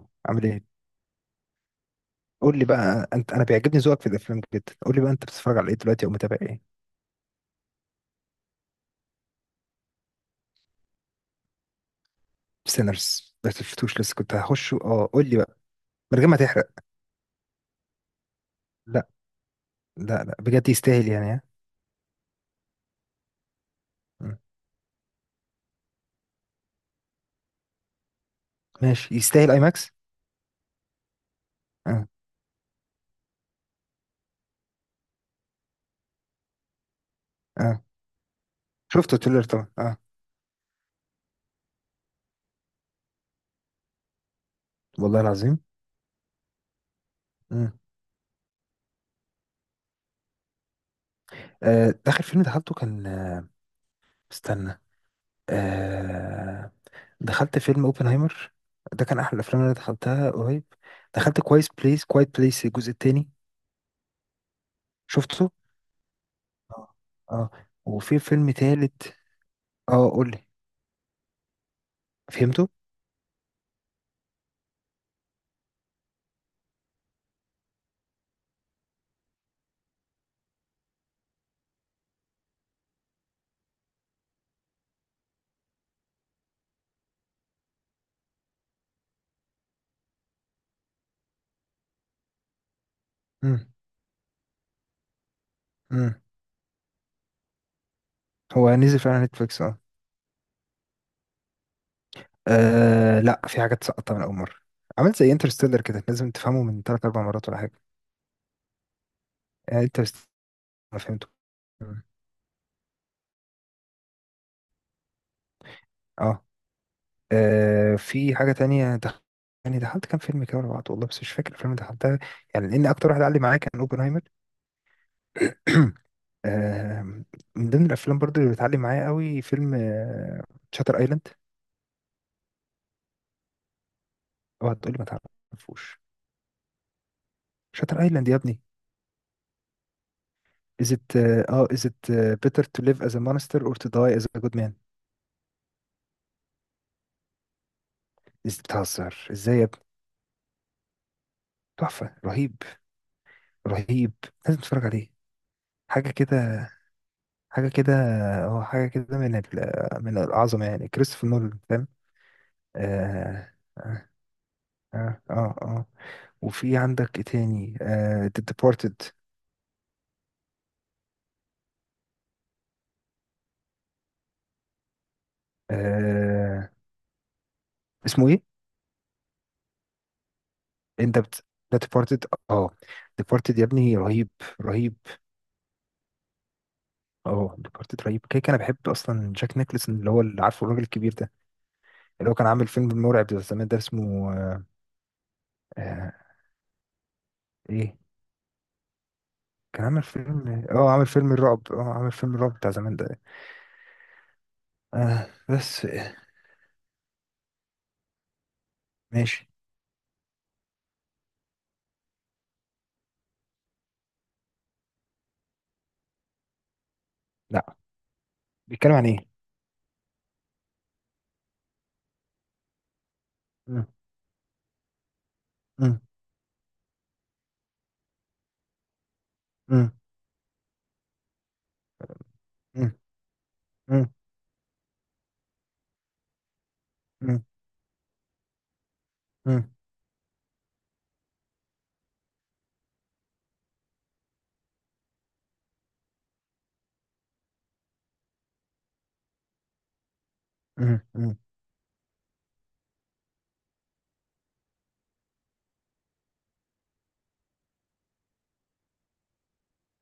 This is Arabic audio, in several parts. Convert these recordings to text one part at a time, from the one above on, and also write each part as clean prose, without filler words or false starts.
أميرو عامل ايه؟ قول لي بقى انت، انا بيعجبني ذوقك في الافلام جدا. قول لي بقى انت بتتفرج على ايه دلوقتي او متابع ايه؟ سينرز ما شفتوش لسه، كنت هخش. اه قول لي بقى من غير ما تحرق. لا. لا بجد يستاهل يعني؟ ها؟ مم. ماشي، يستاهل اي ماكس؟ اه اه. شفت التريلر طبعا، اه. والله العظيم. مم. آه. اخر فيلم دخلته كان استنى. آه. دخلت فيلم اوبنهايمر. ده كان احلى الافلام اللي انا دخلتها قريب. دخلت كويس بليس، كوايت بليس الجزء التاني. شفته. اه. اه. وفي فيلم تالت. اه قول لي، فهمته. امم. امم. هو نزل فعلا نتفليكس، اه. لا، في حاجات سقطت من اول مره. عملت زي انترستيلر كده، لازم تفهمه من ثلاث اربع مرات ولا حاجه. انترستيلر ما فهمته. مم. اه. في حاجه تانية يعني دخلت كام فيلم كده ورا بعض والله، بس مش فاكر الفيلم اللي دخلتها. يعني لان اكتر واحد علق معايا كان اوبنهايمر. آه، من ضمن الافلام برضو اللي بتعلم معايا قوي فيلم شاتر ايلاند. اوعى تقولي ما تعرفوش. شاتر ايلاند يا ابني. is it اه is it better to live as a monster or to die as a good man. is بتهزر ازاي يا ابني؟ تحفة. رهيب. رهيب. لازم تتفرج عليه. حاجة كده، حاجة كده. اه حاجة كده من من العظمة، يعني كريستوفر نولان، فاهم. اه اه اه. آه. وفي عندك ايه تاني؟ آه The Departed. آه اسمه ايه؟ انت بت... The Departed. اه Departed يا ابني، رهيب. رهيب. اه ديكارت رهيب. كده كده انا بحب اصلا جاك نيكلسون، اللي هو اللي عارفه الراجل الكبير ده. اللي هو كان عامل فيلم مرعب ده زمان، ده اسمه آه ايه. كان عامل فيلم عامل فيلم الرعب، عامل فيلم الرعب بتاع زمان ده. آه بس آه ماشي. لا، بيتكلم عن ايه؟ مم. مم. مم. مم. مم. مم. مم. مم. مم.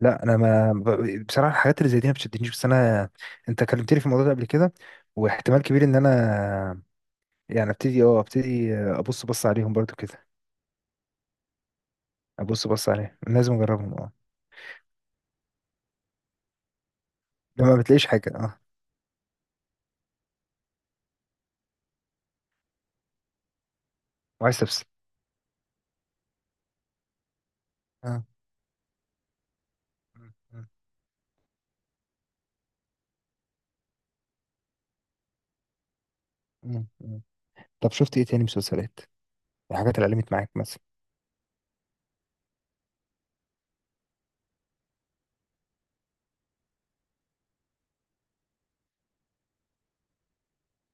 لا انا ما ب- بصراحه الحاجات اللي زي دي ما بتشدنيش، بس انا انت كلمتني في الموضوع ده قبل كده. واحتمال كبير ان انا يعني ابتدي، ابتدي ابص بص عليهم برضو كده. ابص بص عليه، لازم اجربهم اه. لما بتلاقيش حاجه اه. وعايز تفصل. اه. مم. مم. مم. مم. طب شفت ايه تاني مسلسلات؟ الحاجات اللي علمت معاك مثلا.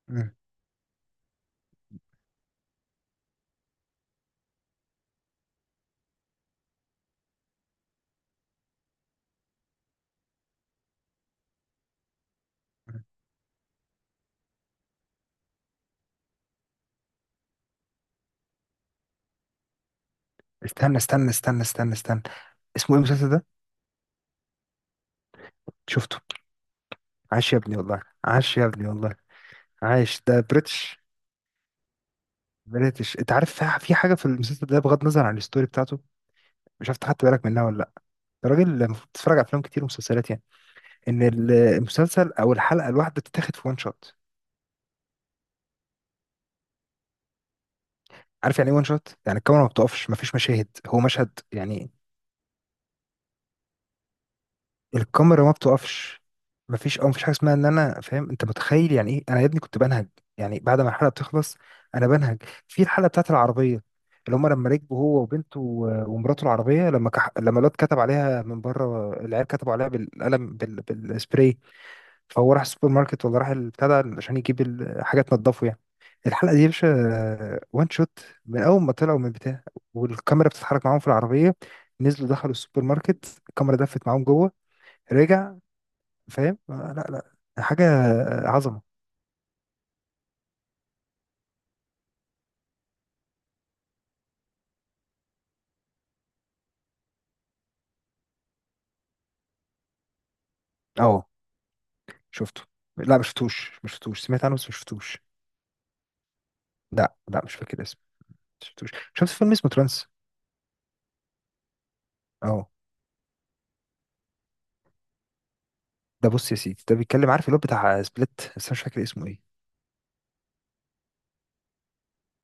مم. مم. استنى. اسمه ايه المسلسل ده؟ شفته. عاش يا ابني والله، عاش يا ابني والله. عاش، ده بريتش. بريتش. انت عارف، في حاجه في المسلسل ده بغض النظر عن الستوري بتاعته، مش عارف خدت بالك منها ولا لا. الراجل المفروض تتفرج على افلام كتير ومسلسلات، يعني ان المسلسل او الحلقه الواحده بتتاخد في وان شوت. عارف يعني ايه وان شوت؟ يعني الكاميرا ما بتقفش، ما فيش مشاهد، هو مشهد يعني. الكاميرا ما بتقفش. ما فيش حاجه اسمها ان، انا فاهم انت متخيل يعني ايه، انا يا ابني كنت بنهج. يعني بعد ما الحلقه بتخلص، انا بنهج. في الحلقه بتاعت العربيه، اللي هم لما ركبوا هو وبنته ومراته العربيه، لما لما الواد كتب عليها من بره، العيال كتبوا عليها بالقلم بالسبراي. فهو راح السوبر ماركت، ولا راح البتاع ده عشان يجيب الحاجات تنضفه يعني. الحلقه دي يا باشا وان شوت، من اول ما طلعوا من البتاع والكاميرا بتتحرك معاهم في العربيه، نزلوا دخلوا السوبر ماركت، الكاميرا دفت معاهم جوه. رجع. فاهم؟ لا. لا حاجه. عظمه. اه شفته. لا ما شفتوش، ما شفتوش، سمعت عنه بس ما شفتوش. لا لا مش فاكر اسمه. ما شفتوش. شفت فيلم اسمه ترانس؟ اه. ده بص يا سيدي، ده بيتكلم، عارف اللي هو بتاع سبليت، بس انا مش فاكر اسمه ايه.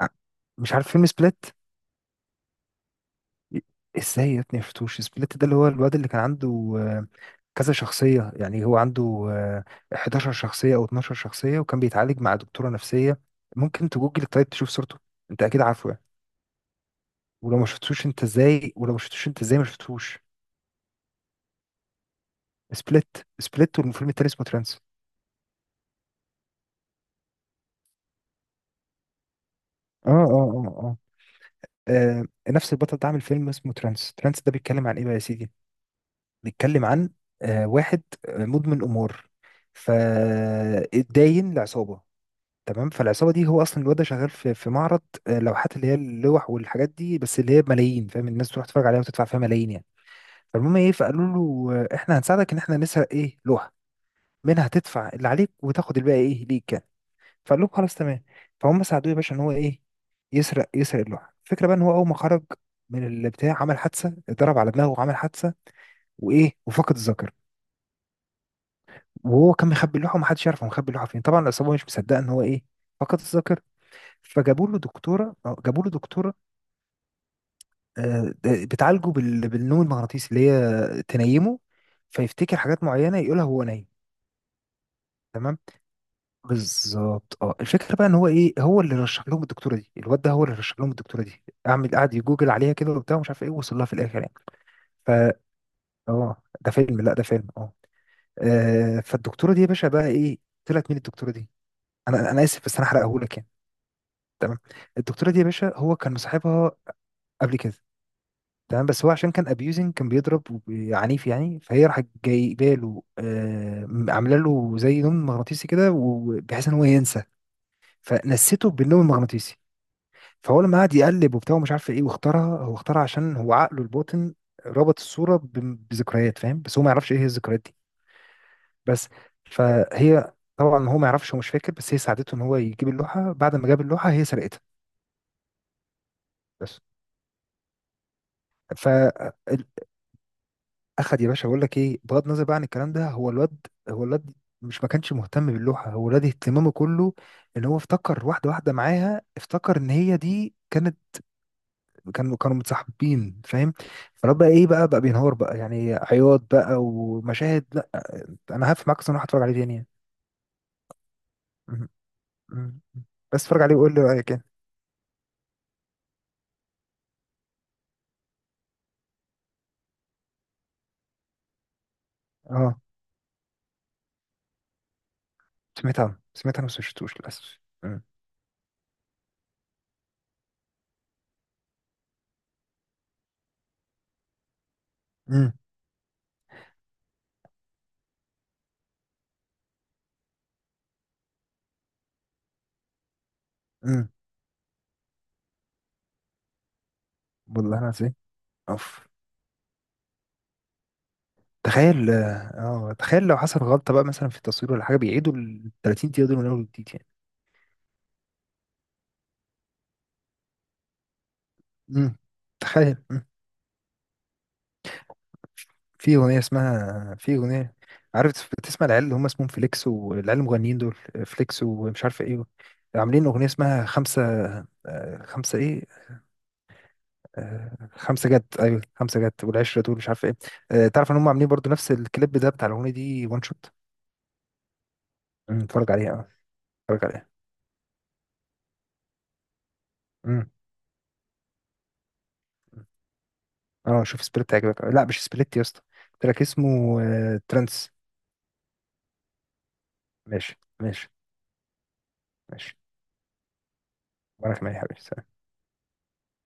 ع- مش عارف فيلم سبليت؟ ازاي يا ابني مشفتوش سبليت؟ ده اللي هو الواد اللي كان عنده آه، كذا شخصية، يعني هو عنده آه، 11 شخصية او 12 شخصية، وكان بيتعالج مع دكتورة نفسية. ممكن تجوجل طيب تشوف صورته، انت اكيد عارفه يعني. ولو ما شفتوش انت ازاي، ولو ما شفتوش انت ازاي ما شفتوش؟ سبليت. سبليت والفيلم التاني اسمه ترانس. اه. آه، نفس البطل ده عامل فيلم اسمه ترانس. ترانس ده بيتكلم عن ايه بقى يا سيدي؟ بيتكلم عن واحد مدمن امور، فاتداين لعصابة. تمام. فالعصابه دي، هو اصلا الواد ده شغال في معرض لوحات، اللي هي اللوح والحاجات دي، بس اللي هي بملايين، فاهم، الناس تروح تتفرج عليها وتدفع فيها ملايين يعني. فالمهم ايه، فقالوا له احنا هنساعدك ان احنا نسرق ايه لوحه، منها تدفع اللي عليك وتاخد الباقي ايه ليك يعني. فقال لهم خلاص، تمام. فهم ساعدوه يا باشا ان هو ايه، يسرق، يسرق اللوحه. الفكره بقى ان هو اول ما خرج من البتاع عمل حادثه، اتضرب على دماغه وعمل حادثه، وايه وفقد الذاكره. وهو كان مخبي اللوحه ومحدش يعرف هو مخبي اللوحه فين. طبعا العصابه مش مصدقه ان هو ايه، فقد الذاكره. فجابوا له دكتوره جابوا له دكتوره. بتعالجه بالنوم المغناطيسي، اللي هي تنيمه فيفتكر حاجات معينه يقولها هو نايم. تمام. بالظبط اه. الفكره بقى ان هو ايه، هو اللي رشح لهم الدكتوره دي. الواد ده هو اللي رشح لهم الدكتوره دي، اعمل قعد يجوجل عليها كده وبتاع ومش عارف ايه، وصل لها في الاخر يعني. ف اه ده فيلم. لا ده فيلم اه. فالدكتوره دي يا باشا بقى ايه؟ طلعت مين الدكتوره دي؟ انا انا اسف بس انا هحرقهولك يعني. تمام. الدكتوره دي يا باشا، هو كان مصاحبها قبل كده. تمام. بس هو عشان كان ابيوزنج، كان بيضرب عنيف يعني، فهي راحت جايبه له آه، عامله له زي نوم مغناطيسي كده، وبحيث ان هو ينسى. فنسيته بالنوم المغناطيسي. فهو لما قعد يقلب وبتاع ومش عارف ايه واختارها، هو اختارها عشان هو عقله الباطن ربط الصوره بذكريات، فاهم، بس هو ما يعرفش ايه هي الذكريات دي. بس. فهي طبعا هو ما يعرفش، هو مش فاكر، بس هي ساعدته ان هو يجيب اللوحه. بعد ما جاب اللوحه، هي سرقتها. بس. اخد يا باشا. بقول لك ايه، بغض النظر بقى عن الكلام ده، هو الواد، هو الواد مش، ما كانش مهتم باللوحه. هو الواد اهتمامه كله ان هو افتكر واحده، واحده معاها، افتكر ان هي دي كانت. كانوا كانوا متصاحبين، فاهم. فالواد بقى ايه، بقى بقى بينهار بقى يعني، عياط بقى ومشاهد لا. انا هقف معاك اصلا، هتفرج عليه تاني يعني. م- م- م. بس اتفرج عليه وقول لي رايك يعني. اه. سمعت عنه، سمعت عنه بس مشفتوش للاسف. م- م- م. والله انا زي. اوف. تخيل. اه تخيل لو حصل غلطة بقى مثلا في التصوير ولا حاجة، بيعيدوا ال 30 دقيقة دول من أول وجديد يعني. مم. تخيل. مم. في أغنية اسمها، في أغنية، عارف بتسمع العيال اللي هم اسمهم فليكس، والعيال المغنيين دول، فليكس ومش عارف ايه، عاملين أغنية اسمها خمسة خمسة ايه، خمسة جد. ايوه خمسة جد والعشرة دول مش عارف ايه. تعرف ان هم عاملين برضو نفس الكليب ده بتاع الأغنية دي وان شوت. مم، اتفرج عليها اه، اتفرج عليها. مم. اه شوف سبليت هيعجبك. لا مش سبليت يا اسطى، تراك اسمه ترانس. ماشي ماشي. ماشي. وانا كمان يا حبيبي، سلام.